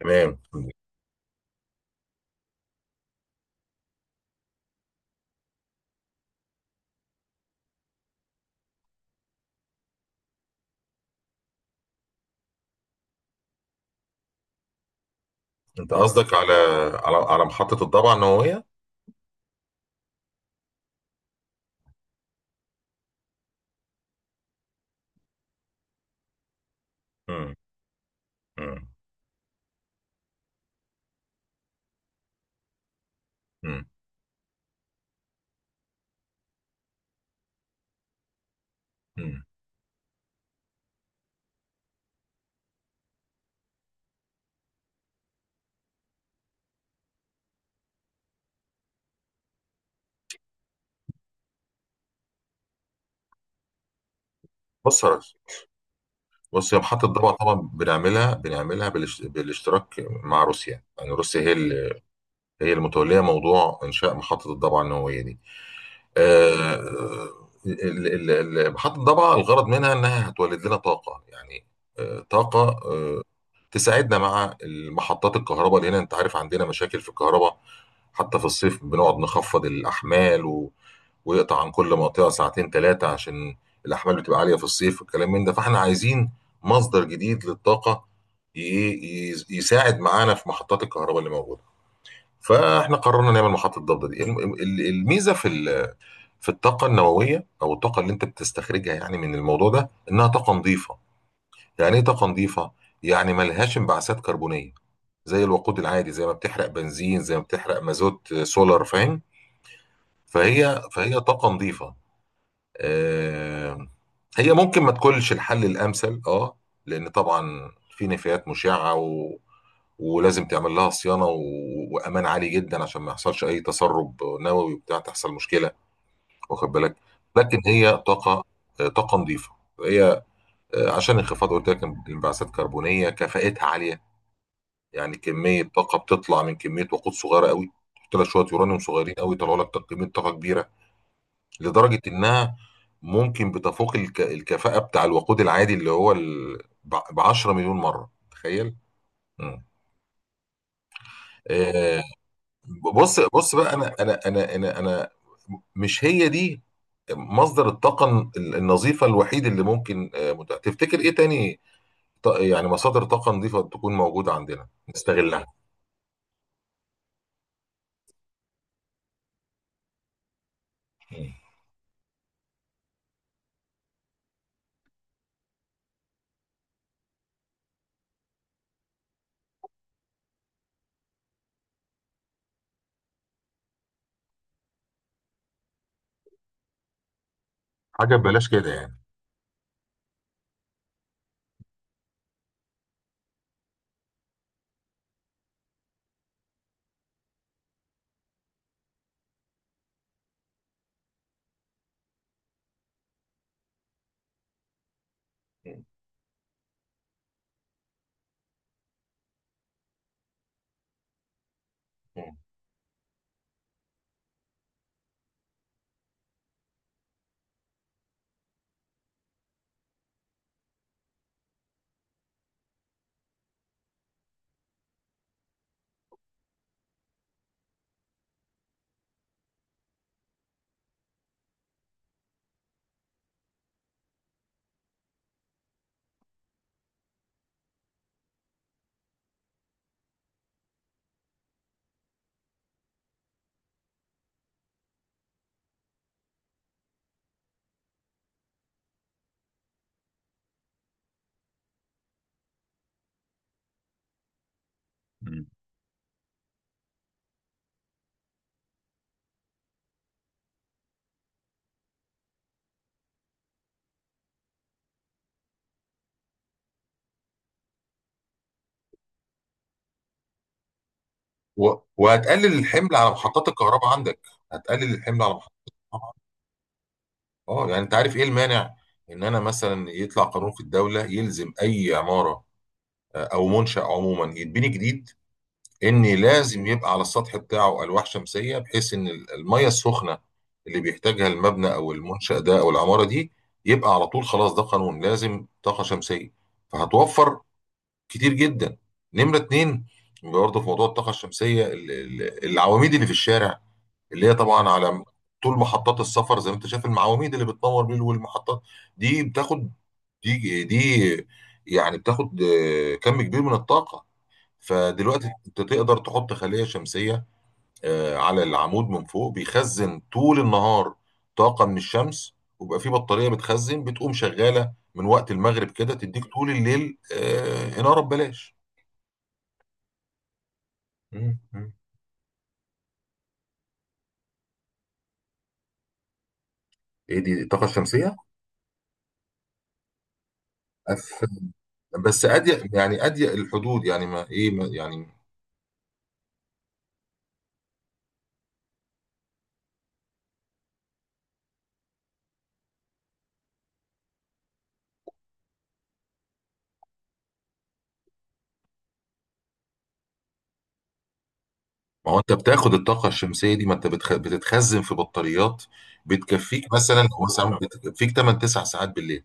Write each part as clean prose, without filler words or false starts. تمام. انت قصدك على محطه الضبعه النوويه؟ مم. مم. مم. مم. بص يا ريس بص يا محطه الضبعه طبعا بنعملها بالاشتراك مع روسيا. يعني روسيا هي المتوليه موضوع انشاء محطه الضبعه النوويه دي. آه، ال- ال- محطه الضبعه الغرض منها انها هتولد لنا طاقه، يعني طاقه آه، تساعدنا مع محطات الكهرباء اللي هنا. انت عارف عندنا مشاكل في الكهرباء، حتى في الصيف بنقعد نخفض الأحمال ويقطع عن كل منطقه ساعتين ثلاثه، عشان الاحمال بتبقى عاليه في الصيف والكلام من ده، فاحنا عايزين مصدر جديد للطاقه يساعد معانا في محطات الكهرباء اللي موجوده. فاحنا قررنا نعمل محطه ضبط دي. الميزه في الطاقه النوويه، او الطاقه اللي انت بتستخرجها يعني من الموضوع ده، انها طاقه نظيفه. يعني ايه طاقه نظيفه؟ يعني ملهاش انبعاثات كربونيه زي الوقود العادي، زي ما بتحرق بنزين، زي ما بتحرق مازوت، سولار، فاهم؟ فهي طاقه نظيفه. آه، هي ممكن ما تكونش الحل الامثل، اه، لان طبعا في نفايات مشعه ولازم تعمل لها صيانه وامان عالي جدا عشان ما يحصلش اي تسرب نووي وبتاع تحصل مشكله، واخد بالك. لكن هي طاقه، طاقه نظيفه هي. عشان انخفاض قلت لك الانبعاثات الكربونيه، كفاءتها عاليه. يعني كميه طاقه بتطلع من كميه وقود صغيره قوي. تحط لك شويه يورانيوم صغيرين قوي، يطلعوا لك كميه طاقه كبيره، لدرجة إنها ممكن بتفوق الكفاءة بتاع الوقود العادي اللي هو ب 10 مليون مرة. تخيل. مم. آه، بص بص بقى أنا مش هي دي مصدر الطاقة النظيفة الوحيد اللي ممكن، متاح. تفتكر إيه تاني؟ يعني مصادر طاقة نظيفة تكون موجودة عندنا نستغلها. مم. حاجة ببلاش كده يعني. مم. مم. وهتقلل الحمل على محطات الكهرباء عندك. هتقلل الحمل على محطات الكهرباء. اه يعني انت عارف ايه المانع ان انا مثلا يطلع قانون في الدوله يلزم اي عماره، او منشا عموما يتبني جديد، ان لازم يبقى على السطح بتاعه الواح شمسيه، بحيث ان الميه السخنه اللي بيحتاجها المبنى او المنشا ده او العماره دي يبقى على طول. خلاص ده قانون، لازم طاقه شمسيه. فهتوفر كتير جدا. نمره اتنين برضه في موضوع الطاقه الشمسيه، العواميد اللي في الشارع اللي هي طبعا على طول محطات السفر، زي ما انت شايف المعواميد اللي بتنور بيه والمحطات، دي بتاخد، دي يعني بتاخد كم كبير من الطاقة. فدلوقتي انت تقدر تحط خلية شمسية، على العمود من فوق، بيخزن طول النهار طاقة من الشمس، ويبقى في بطارية بتخزن، بتقوم شغالة من وقت المغرب كده، تديك طول الليل إنارة ببلاش. مم. مم. ايه دي الطاقة الشمسية؟ أف- بس اضيق يعني اضيق الحدود، يعني ما ايه ما يعني. ما هو انت بتاخد الطاقه الشمسيه دي، ما انت بتتخزن في بطاريات، بتكفيك مثلا، هو بتكفيك 8 9 ساعات بالليل.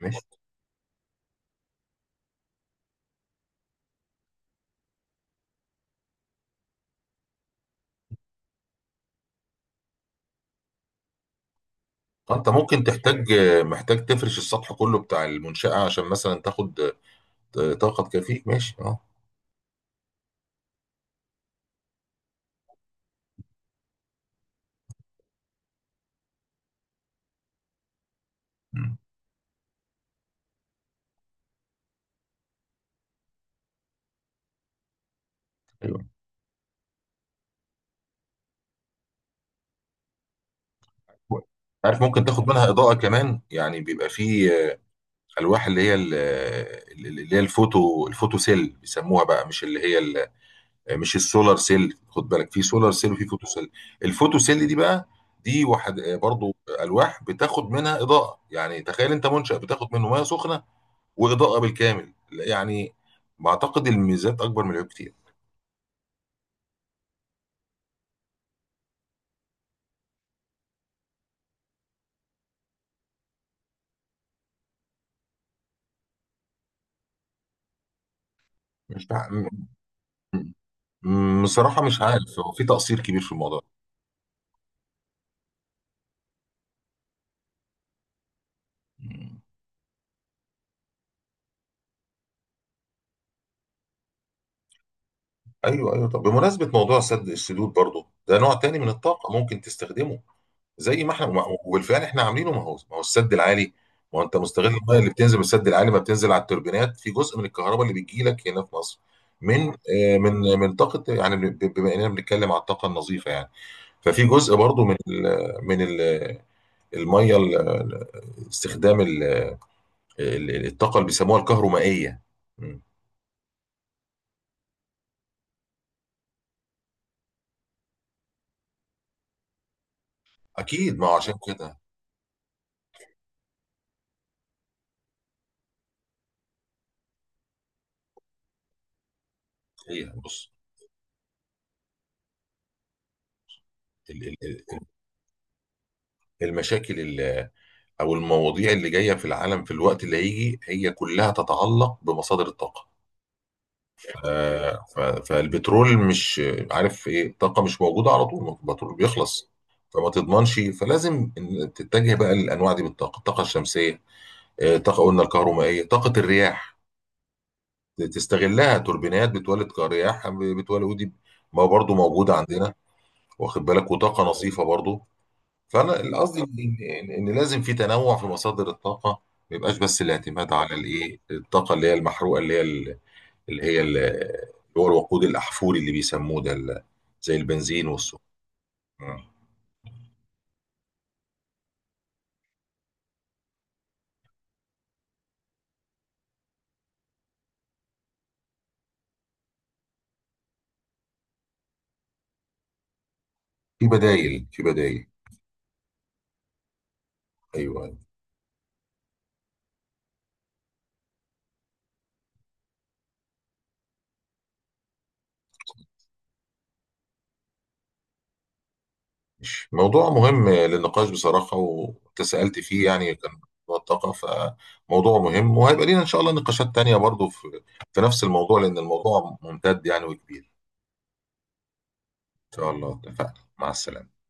ماشي. فانت ممكن تحتاج، محتاج تفرش السطح كله بتاع المنشاه عشان مثلا تاخد طاقه تكفيك. ماشي، اه. ايوه عارف، ممكن تاخد منها اضاءه كمان، يعني بيبقى في الواح اللي هي الفوتو سيل بيسموها بقى، مش اللي هي، مش السولار سيل. خد بالك، في سولار سيل وفي فوتو سيل. الفوتو سيل دي بقى دي واحد، برضو الواح بتاخد منها اضاءه. يعني تخيل انت منشأ بتاخد منه ميه سخنه واضاءه بالكامل، يعني بعتقد الميزات اكبر من العيوب كتير. مش بع... م- م- بصراحه مش عارف، هو في تقصير كبير في الموضوع. مم. ايوه ايوه. طب بمناسبه موضوع سد السدود برضو، ده نوع تاني من الطاقه ممكن تستخدمه زي ما احنا وبالفعل احنا عاملينه، ما هو السد العالي. ما هو انت مستغل الميه اللي بتنزل من السد العالي، ما بتنزل على التوربينات في جزء من الكهرباء اللي بتجي لك هنا في مصر، من من طاقه يعني، بما اننا بنتكلم على الطاقه النظيفه، يعني ففي جزء برضو من ال من ال الميه، استخدام الطاقه اللي بيسموها الكهرومائيه. مم. اكيد ما هو عشان كده. هي بص ال- ال- المشاكل او المواضيع اللي جايه في العالم في الوقت اللي هيجي، هي كلها تتعلق بمصادر الطاقه. فالبترول مش عارف ايه، الطاقه مش موجوده على طول، البترول بيخلص. فما تضمنش، فلازم إن تتجه بقى للانواع دي، بالطاقه الطاقه الشمسيه، الطاقه قلنا الكهرومائيه، طاقه الرياح تستغلها توربينات بتولد كرياح بتولد، ودي ما برضو موجوده عندنا، واخد بالك. وطاقه نظيفه برضو. فانا القصدي ان إن لازم في تنوع في مصادر الطاقه، ما يبقاش بس الاعتماد على الايه، الطاقه اللي هي المحروقه اللي هو الوقود الاحفوري اللي بيسموه ده، زي البنزين والسوء. في بدايل في بدايل. ايوه. مش موضوع مهم للنقاش بصراحه وتسألت فيه يعني، كان موضوع الطاقه، فموضوع مهم، وهيبقى لينا ان شاء الله نقاشات تانية برضو في في نفس الموضوع، لان الموضوع ممتد يعني وكبير. ان شاء الله اتفقنا. مع السلامه.